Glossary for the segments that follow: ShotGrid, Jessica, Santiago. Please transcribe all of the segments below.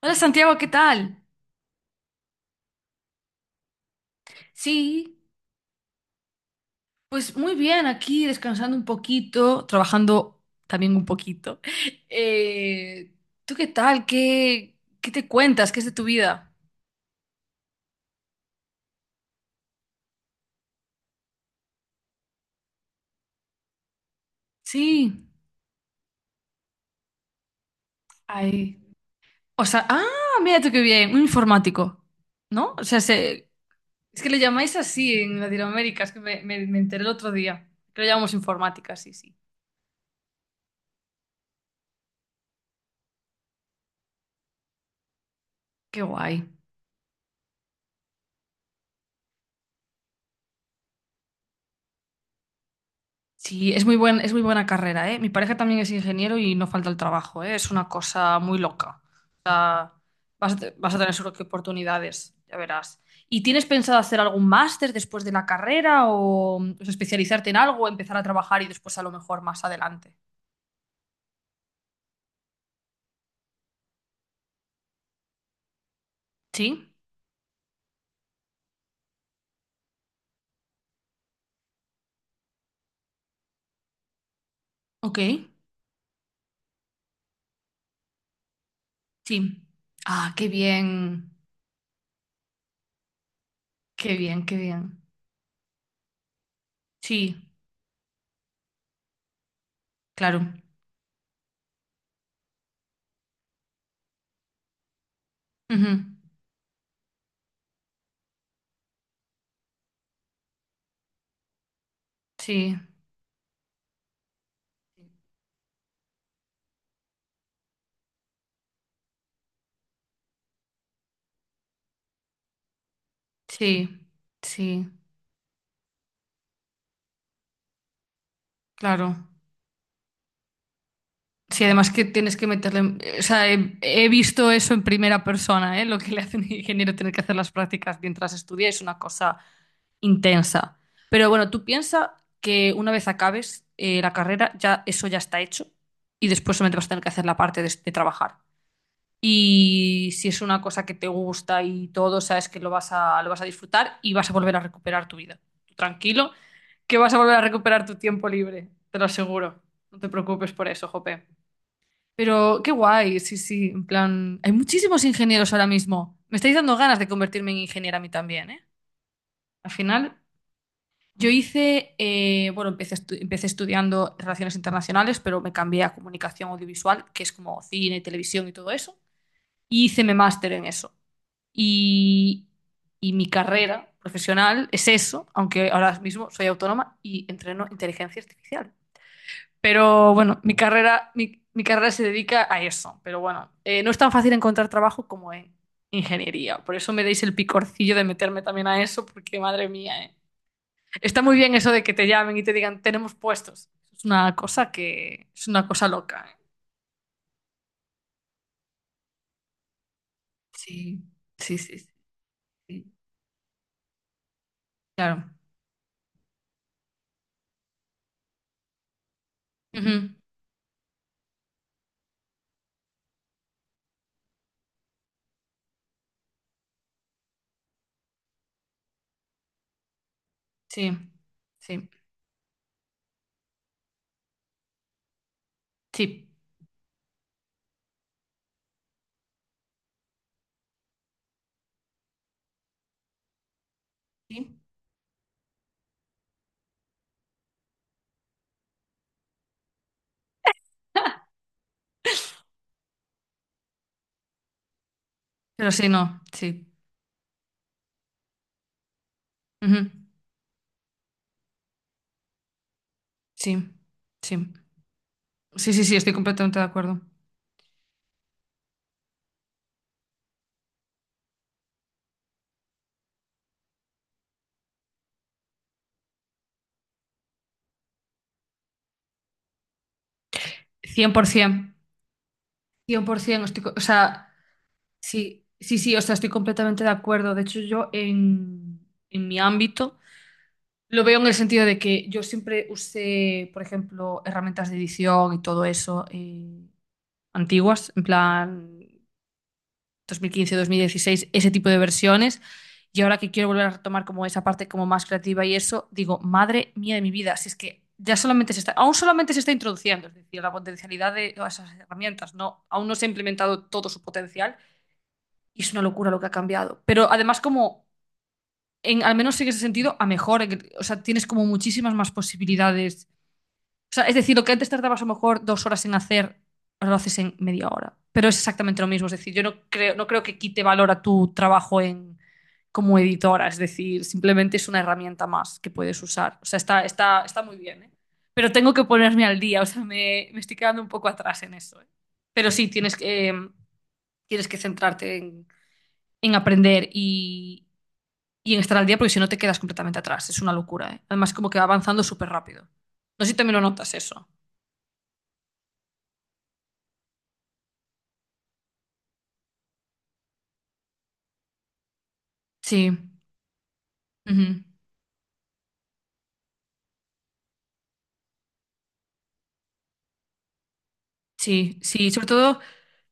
Hola Santiago, ¿qué tal? Sí, pues muy bien, aquí descansando un poquito, trabajando también un poquito. Eh, ¿tú qué tal? ¿Qué te cuentas? ¿Qué es de tu vida? Sí, ay. O sea, mira tú qué bien, un informático, ¿no? O sea, es que le llamáis así en Latinoamérica, es que me enteré el otro día, que lo llamamos informática, sí, sí. Qué guay. Sí, es muy buena carrera, ¿eh? Mi pareja también es ingeniero y no falta el trabajo, ¿eh? Es una cosa muy loca. O sea, vas a tener seguro que oportunidades, ya verás. ¿Y tienes pensado hacer algún máster después de la carrera o, o sea, especializarte en algo, empezar a trabajar y después a lo mejor más adelante? Sí, ok, sí. Ah, qué bien, qué bien, qué bien. Sí, claro. Ujú. Sí, sí, sí, claro. Sí, además que tienes que meterle. O sea, he visto eso en primera persona, ¿eh? Lo que le hacen al ingeniero tener que hacer las prácticas mientras estudia es una cosa intensa. Pero bueno, tú piensas que una vez acabes la carrera, ya eso ya está hecho y después solamente vas a tener que hacer la parte de trabajar. Y si es una cosa que te gusta y todo, sabes que lo vas a disfrutar y vas a volver a recuperar tu vida. Tú tranquilo, que vas a volver a recuperar tu tiempo libre, te lo aseguro. No te preocupes por eso, Jope. Pero qué guay, sí, sí, en plan, hay muchísimos ingenieros ahora mismo. Me estáis dando ganas de convertirme en ingeniera a mí también, ¿eh? Al final, yo hice, bueno, empecé estudiando relaciones internacionales, pero me cambié a comunicación audiovisual, que es como cine, televisión y todo eso, y hice mi máster en eso. Y, y mi carrera profesional es eso, aunque ahora mismo soy autónoma y entreno inteligencia artificial. Pero bueno, mi carrera se dedica a eso. Pero bueno, no es tan fácil encontrar trabajo como en ingeniería. Por eso me deis el picorcillo de meterme también a eso, porque madre mía, eh. Está muy bien eso de que te llamen y te digan, tenemos puestos. Es una cosa que es una cosa loca, eh. Sí, sí, sí, sí, sí. Claro. Ujú. Sí, sí, sí. Sí. Pero sí, no, sí. Ujú. Sí, sí. Sí, sí, sí, estoy completamente de acuerdo. 100%. 100%, o sea, sí, sí, sí, o sea, estoy completamente de acuerdo. De hecho, yo en mi ámbito lo veo en el sentido de que yo siempre usé, por ejemplo, herramientas de edición y todo eso antiguas, en plan 2015 2016, ese tipo de versiones. Y ahora que quiero volver a retomar como esa parte como más creativa y eso, digo, madre mía de mi vida, si es que ya solamente se está, aún solamente se está introduciendo, es decir, la potencialidad de todas esas herramientas, no, aún no se ha implementado todo su potencial. Y es una locura lo que ha cambiado. Pero además como, en, al menos en ese sentido, a mejor. O sea, tienes como muchísimas más posibilidades. O sea, es decir, lo que antes tardabas a lo mejor 2 horas en hacer, ahora lo haces en media hora. Pero es exactamente lo mismo. Es decir, yo no creo que quite valor a tu trabajo en, como editora. Es decir, simplemente es una herramienta más que puedes usar. O sea, está muy bien, ¿eh? Pero tengo que ponerme al día. O sea, me estoy quedando un poco atrás en eso, ¿eh? Pero sí, tienes que centrarte en aprender y en estar al día, porque si no te quedas completamente atrás. Es una locura, ¿eh? Además, como que va avanzando súper rápido. No sé si también lo notas eso. Sí, ujú. Sí, sí. Sobre todo,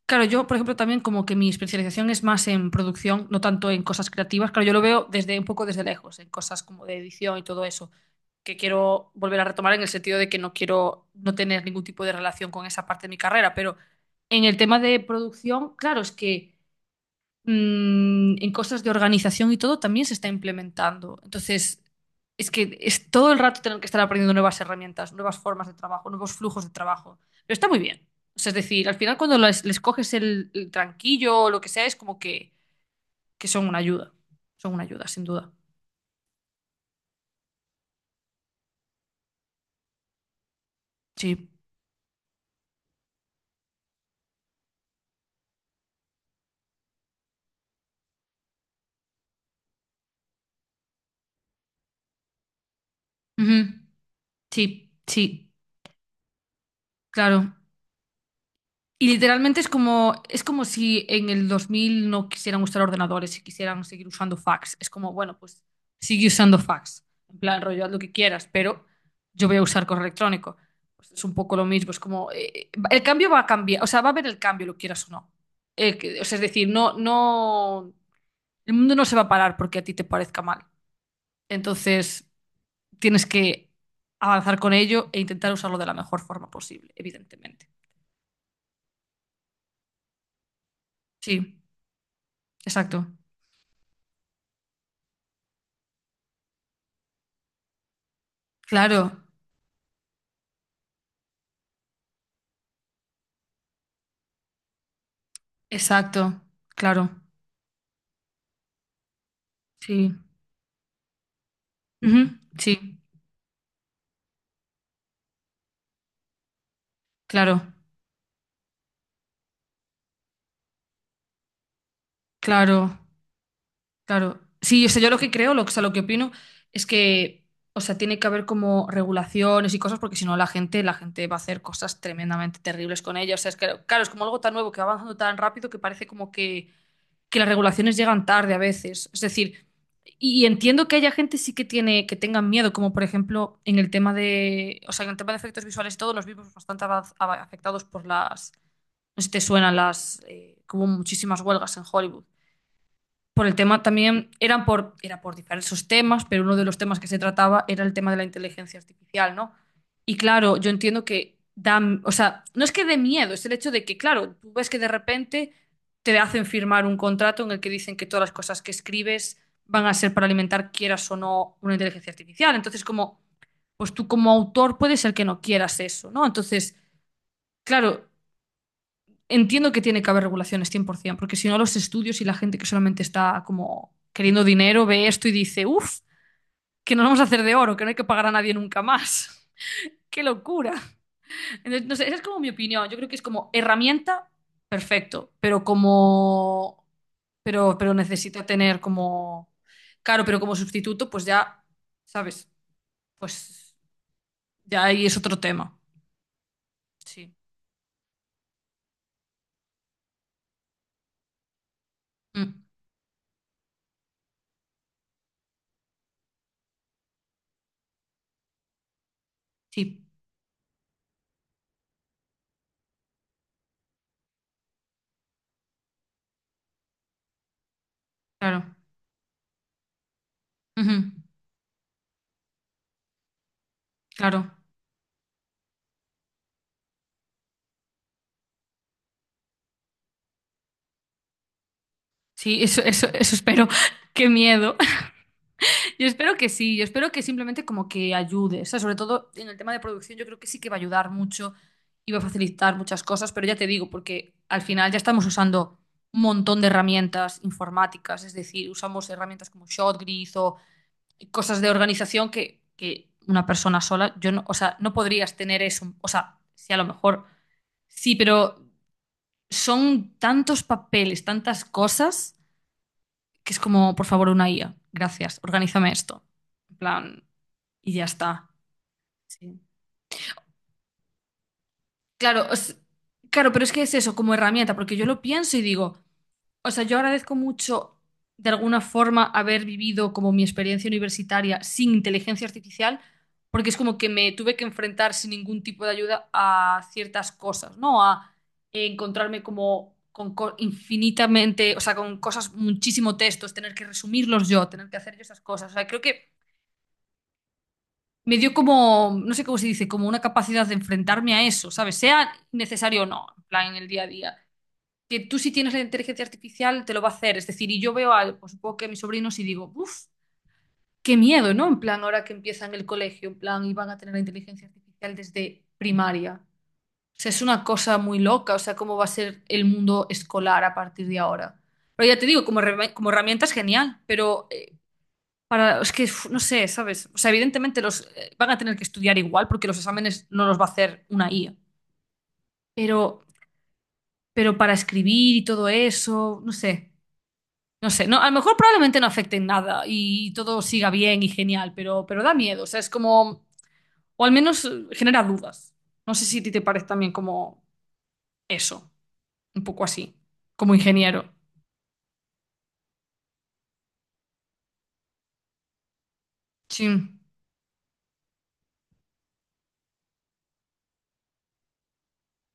claro, yo, por ejemplo, también como que mi especialización es más en producción, no tanto en cosas creativas. Claro, yo lo veo desde un poco desde lejos, en cosas como de edición y todo eso, que quiero volver a retomar en el sentido de que no quiero no tener ningún tipo de relación con esa parte de mi carrera, pero en el tema de producción, claro, es que en cosas de organización y todo también se está implementando. Entonces, es que es todo el rato tener que estar aprendiendo nuevas herramientas, nuevas formas de trabajo, nuevos flujos de trabajo. Pero está muy bien. O sea, es decir, al final cuando les coges el tranquillo o lo que sea, es como que son una ayuda. Son una ayuda, sin duda. Sí. Ujú. Sí, sí, claro. Y literalmente es como si en el 2000 no quisieran usar ordenadores y quisieran seguir usando fax. Es como, bueno, pues sigue usando fax. En plan, rollo, haz lo que quieras, pero yo voy a usar correo electrónico. Pues es un poco lo mismo. Es como, el cambio va a cambiar, o sea, va a haber el cambio, lo quieras o no. O sea, es decir, no, no, el mundo no se va a parar porque a ti te parezca mal. Entonces, tienes que avanzar con ello e intentar usarlo de la mejor forma posible, evidentemente. Sí, exacto. Claro. Exacto, claro, sí. Ujú. Sí, claro, claro, claro. Sí, o sea, yo lo que creo, o sea, lo que opino es que, o sea, tiene que haber como regulaciones y cosas porque si no la gente va a hacer cosas tremendamente terribles con ella. O sea, es que, claro, es como algo tan nuevo que va avanzando tan rápido que parece como que las regulaciones llegan tarde a veces. Es decir, y entiendo que haya gente sí que que tengan miedo, como por ejemplo en el tema de, o sea, en el tema de efectos visuales y todo, los vimos bastante afectados por las. No sé si te suenan las, que hubo muchísimas huelgas en Hollywood. Por el tema también, era por diversos temas, pero uno de los temas que se trataba era el tema de la inteligencia artificial, ¿no? Y claro, yo entiendo que da, o sea, no es que dé miedo, es el hecho de que, claro, tú ves que de repente te hacen firmar un contrato en el que dicen que todas las cosas que escribes van a ser para alimentar, quieras o no, una inteligencia artificial. Entonces, como, pues tú como autor puede ser que no quieras eso, ¿no? Entonces, claro, entiendo que tiene que haber regulaciones 100%, porque si no los estudios y la gente que solamente está como queriendo dinero ve esto y dice, uff, que nos vamos a hacer de oro, que no hay que pagar a nadie nunca más. ¡Qué locura! Entonces, no sé, esa es como mi opinión. Yo creo que es como herramienta, perfecto, pero como... Pero necesita tener como... Claro, pero como sustituto, pues ya, ¿sabes? Pues ya ahí es otro tema. Sí. Mm. Sí, claro. Ujú. Claro. Sí, eso espero. Qué miedo. Yo espero que sí, yo espero que simplemente como que ayude. O sea, sobre todo en el tema de producción, yo creo que sí que va a ayudar mucho y va a facilitar muchas cosas, pero ya te digo, porque al final ya estamos usando un montón de herramientas informáticas, es decir, usamos herramientas como ShotGrid o cosas de organización que una persona sola, yo no, o sea, no podrías tener eso. O sea, sí, a lo mejor sí, pero son tantos papeles, tantas cosas que es como, por favor, una IA, gracias, organízame esto, en plan, y ya está. Sí. Claro, claro, pero es que es eso, como herramienta, porque yo lo pienso y digo, o sea, yo agradezco mucho de alguna forma haber vivido como mi experiencia universitaria sin inteligencia artificial, porque es como que me tuve que enfrentar sin ningún tipo de ayuda a ciertas cosas, ¿no? A encontrarme como con infinitamente, o sea, con cosas, muchísimo textos, tener que resumirlos yo, tener que hacer yo esas cosas. O sea, creo que me dio como, no sé cómo se dice, como una capacidad de enfrentarme a eso, ¿sabes? Sea necesario o no, en plan, en el día a día. Que tú si tienes la inteligencia artificial te lo va a hacer. Es decir, y yo veo a, pues, supongo que a mis sobrinos y digo, uff, qué miedo, ¿no? En plan, ahora que empiezan el colegio, en plan, y van a tener la inteligencia artificial desde primaria. O sea, es una cosa muy loca, o sea, cómo va a ser el mundo escolar a partir de ahora. Pero ya te digo, como, como herramienta es genial, pero es que uf, no sé, ¿sabes? O sea, evidentemente los van a tener que estudiar igual porque los exámenes no los va a hacer una IA. Pero, pero para escribir y todo eso, no sé, no sé. No, a lo mejor probablemente no afecte en nada y todo siga bien y genial, pero da miedo. O sea, es como, o al menos genera dudas. No sé si a ti te parece también como eso, un poco así, como ingeniero. Sí,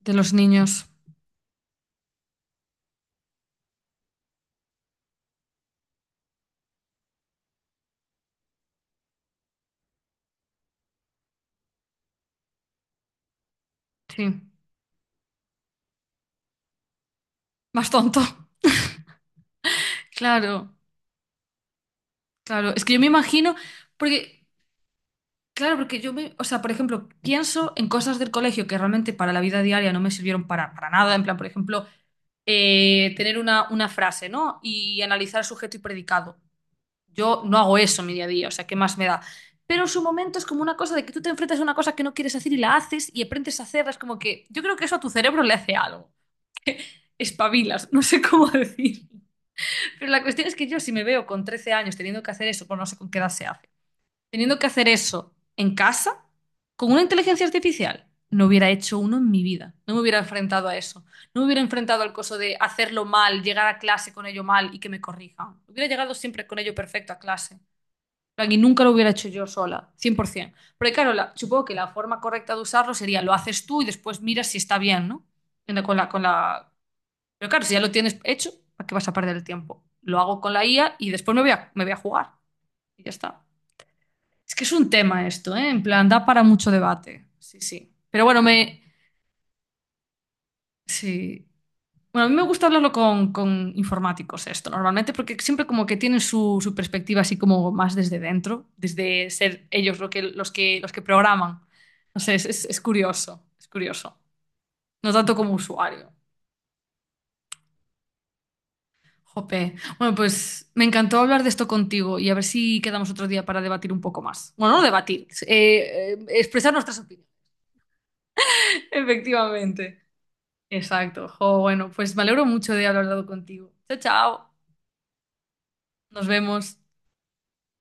de los niños. Sí, más tonto. Claro, claro. Es que yo me imagino, porque claro, porque yo me, o sea, por ejemplo, pienso en cosas del colegio que realmente para la vida diaria no me sirvieron para nada, en plan, por ejemplo, tener una frase, ¿no? Y analizar sujeto y predicado. Yo no hago eso en mi día a día, o sea, ¿qué más me da? Pero en su momento es como una cosa de que tú te enfrentas a una cosa que no quieres hacer y la haces y aprendes a hacerla, es como que yo creo que eso a tu cerebro le hace algo, que espabilas, no sé cómo decir. Pero la cuestión es que yo si me veo con 13 años teniendo que hacer eso, pues no sé con qué edad se hace. Teniendo que hacer eso en casa, con una inteligencia artificial, no hubiera hecho uno en mi vida. No me hubiera enfrentado a eso. No me hubiera enfrentado al coso de hacerlo mal, llegar a clase con ello mal y que me corrijan. Hubiera llegado siempre con ello perfecto a clase. En plan, y nunca lo hubiera hecho yo sola, 100%. Porque claro, supongo que la forma correcta de usarlo sería lo haces tú y después miras si está bien, ¿no? Con la... Pero claro, si ya lo tienes hecho, ¿para qué vas a perder el tiempo? Lo hago con la IA y después me voy a jugar. Y ya está. Es que es un tema esto, ¿eh? En plan, da para mucho debate. Sí, sí. Pero bueno, me. Sí. Bueno, a mí me gusta hablarlo con informáticos esto, normalmente, porque siempre como que tienen su perspectiva así como más desde dentro, desde ser ellos lo que, los que, los que programan. No sé, es curioso, es curioso. No tanto como usuario. Jope. Bueno, pues me encantó hablar de esto contigo y a ver si quedamos otro día para debatir un poco más. Bueno, no debatir, expresar nuestras opiniones. Efectivamente. Exacto. Jo, bueno, pues me alegro mucho de haber hablado contigo. Chao, chao. Nos vemos.